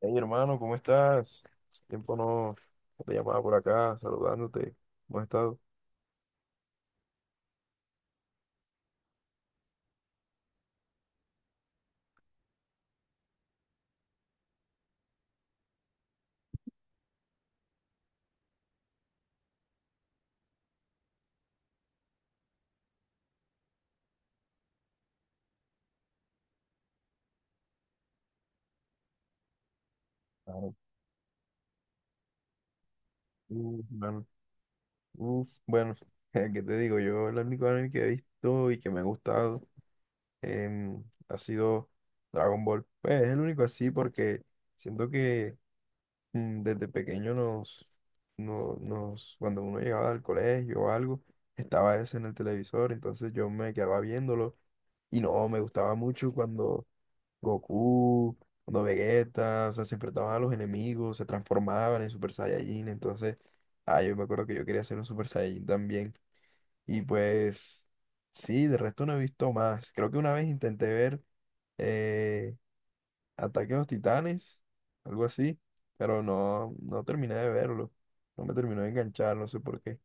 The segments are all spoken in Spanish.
Hey hermano, ¿cómo estás? Hace tiempo no te llamaba por acá, saludándote. ¿Cómo has estado? Claro. Uf, hermano. Uf, bueno, ¿qué te digo? Yo el único anime que he visto y que me ha gustado ha sido Dragon Ball. Pues es el único así porque siento que desde pequeño nos, no- nos, cuando uno llegaba al colegio o algo, estaba ese en el televisor, entonces yo me quedaba viéndolo y no, me gustaba mucho cuando Goku, cuando Vegeta, o sea, se enfrentaban a los enemigos, se transformaban en Super Saiyajin. Entonces, ah, yo me acuerdo que yo quería ser un Super Saiyajin también, y pues, sí, de resto no he visto más. Creo que una vez intenté ver eh, Ataque a los Titanes, algo así, pero no terminé de verlo, no me terminó de enganchar, no sé por qué.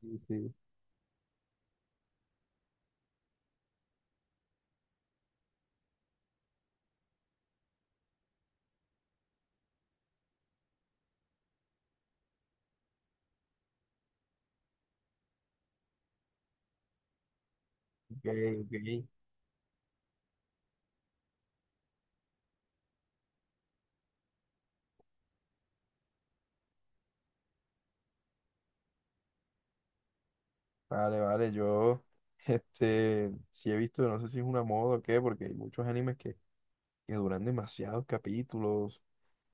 Sí, sí. Ok, ok. Vale, vale, yo, este, sí he visto, no sé si es una moda o qué, porque hay muchos animes que duran demasiados capítulos,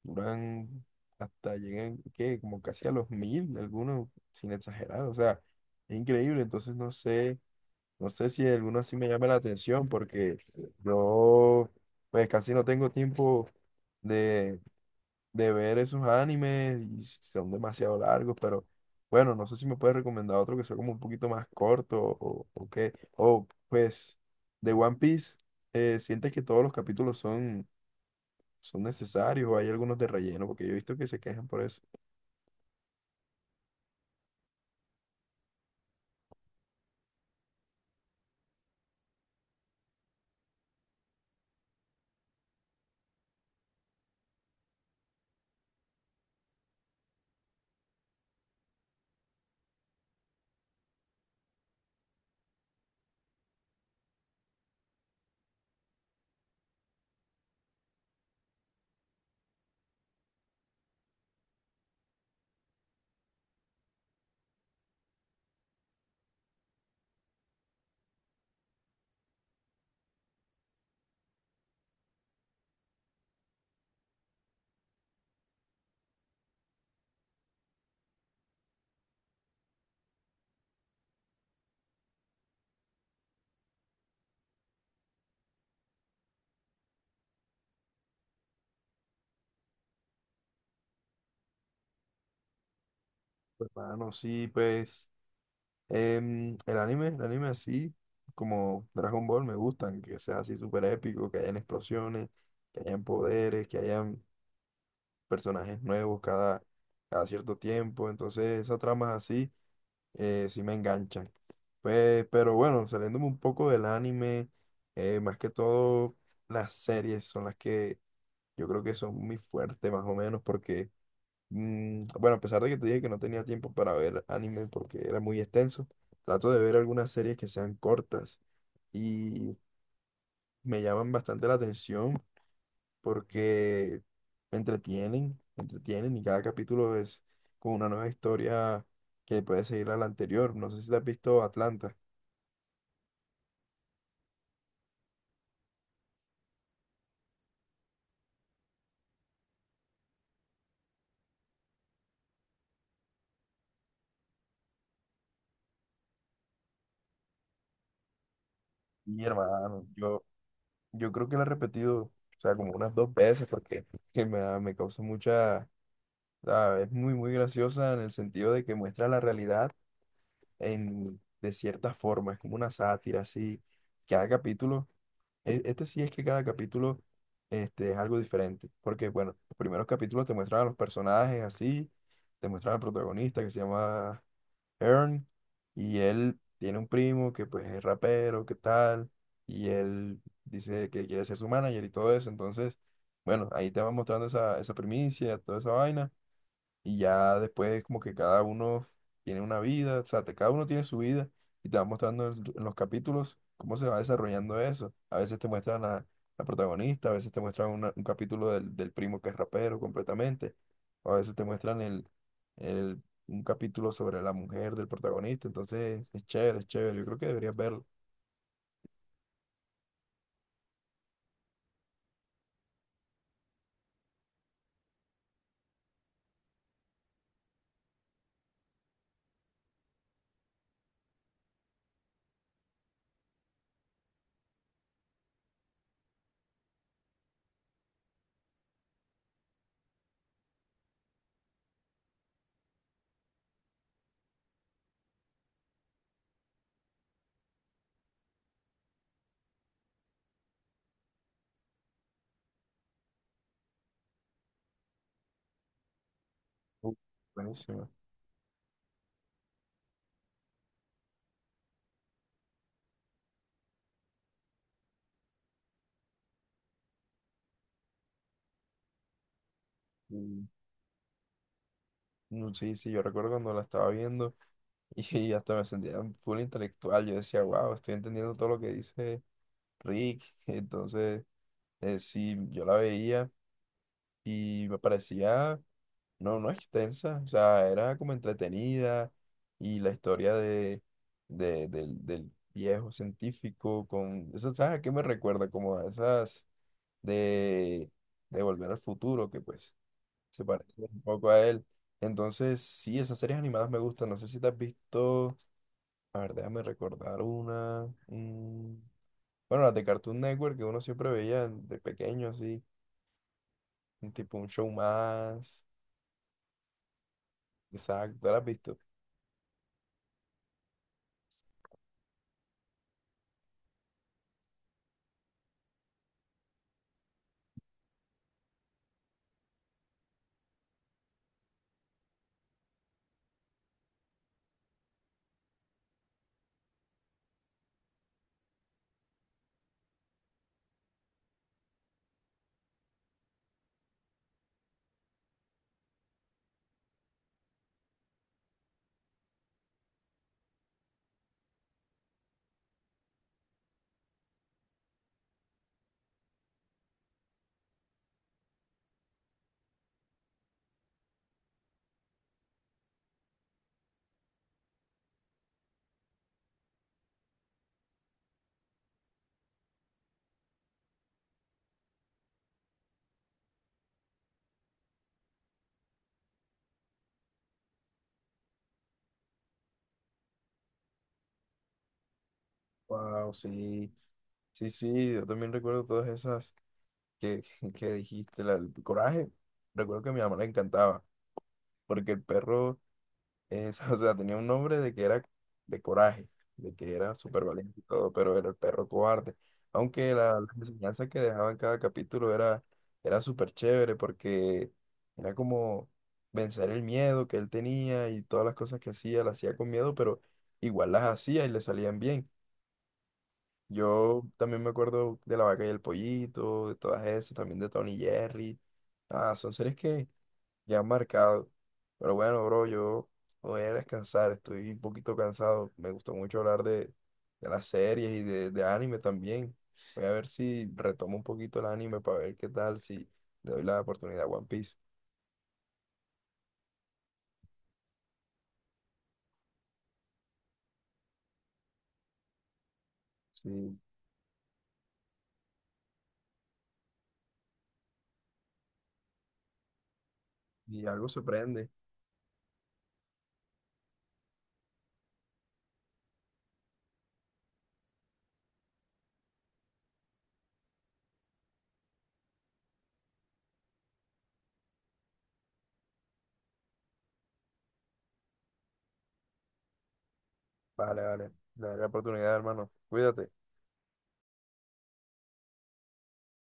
duran, hasta llegan, ¿qué? Como casi a los mil, algunos, sin exagerar, o sea, es increíble. Entonces no sé, no sé si alguno así me llama la atención, porque yo, pues casi no tengo tiempo de, de ver esos animes, y son demasiado largos. Pero bueno, no sé si me puedes recomendar otro que sea como un poquito más corto, o qué, o pues, de One Piece, ¿sientes que todos los capítulos son necesarios, o hay algunos de relleno, porque yo he visto que se quejan por eso? Pues, mano, sí, pues, el anime así, como Dragon Ball, me gustan, que sea así súper épico, que hayan explosiones, que hayan poderes, que hayan personajes nuevos cada, cada cierto tiempo. Entonces esas tramas así sí me enganchan. Pues, pero bueno, saliéndome un poco del anime, más que todo las series son las que yo creo que son muy fuertes más o menos porque, bueno, a pesar de que te dije que no tenía tiempo para ver anime porque era muy extenso, trato de ver algunas series que sean cortas y me llaman bastante la atención porque me entretienen y cada capítulo es como una nueva historia que puede seguir a la anterior. No sé si te has visto Atlanta. Y hermano, yo creo que la he repetido, o sea, como unas dos veces porque que me, da- me causa mucha... O sea, es muy, muy graciosa en el sentido de que muestra la realidad en, de cierta forma, es como una sátira, así. Cada capítulo, este sí es que cada capítulo, este, es algo diferente, porque bueno, los primeros capítulos te muestran a los personajes así, te muestran al protagonista que se llama Ern, y él tiene un primo que pues es rapero, qué tal, y él dice que quiere ser su manager y todo eso. Entonces, bueno, ahí te van mostrando esa, esa primicia, toda esa vaina. Y ya después como que cada uno tiene una vida, o sea, cada uno tiene su vida y te va mostrando en los capítulos cómo se va desarrollando eso. A veces te muestran a la protagonista, a veces te muestran un capítulo del, del primo que es rapero completamente, o a veces te muestran un capítulo sobre la mujer del protagonista. Entonces es chévere, es chévere. Yo creo que deberías verlo. Uh, buenísimo. Y, sí, sí, yo recuerdo cuando la estaba viendo y hasta me sentía full intelectual. Yo decía, wow, estoy entendiendo todo lo que dice Rick. Entonces, sí, yo la veía y me parecía, no extensa, o sea, era como entretenida y la historia de, del viejo científico con, eso, ¿sabes a qué me recuerda? Como a esas de, de Volver al Futuro, que pues se parece un poco a él. Entonces, sí, esas series animadas me gustan, no sé si te has visto, a ver, déjame recordar una. Bueno, las de Cartoon Network que uno siempre veía de pequeño, así, un tipo un show más. Exacto, ¿las has visto? Wow, sí. Sí, sí, yo también recuerdo todas esas que, que dijiste. El coraje, recuerdo que a mi mamá le encantaba, porque el perro es- o sea, tenía un nombre de que era de coraje, de que era súper valiente y todo, pero era el perro cobarde. Aunque la, las enseñanzas que dejaba en cada capítulo era, era súper chévere porque era como vencer el miedo que él tenía, y todas las cosas que hacía, las hacía con miedo, pero igual las hacía y le salían bien. Yo también me acuerdo de La Vaca y el Pollito, de todas esas, también de Tony y Jerry. Ah, son series que ya han marcado. Pero bueno, bro, yo voy a descansar, estoy un poquito cansado. Me gustó mucho hablar de las series y de anime también. Voy a ver si retomo un poquito el anime para ver qué tal, si le doy la oportunidad a One Piece. Si, si algo se prende, vale, vale, le daré la oportunidad, hermano. Cuídate.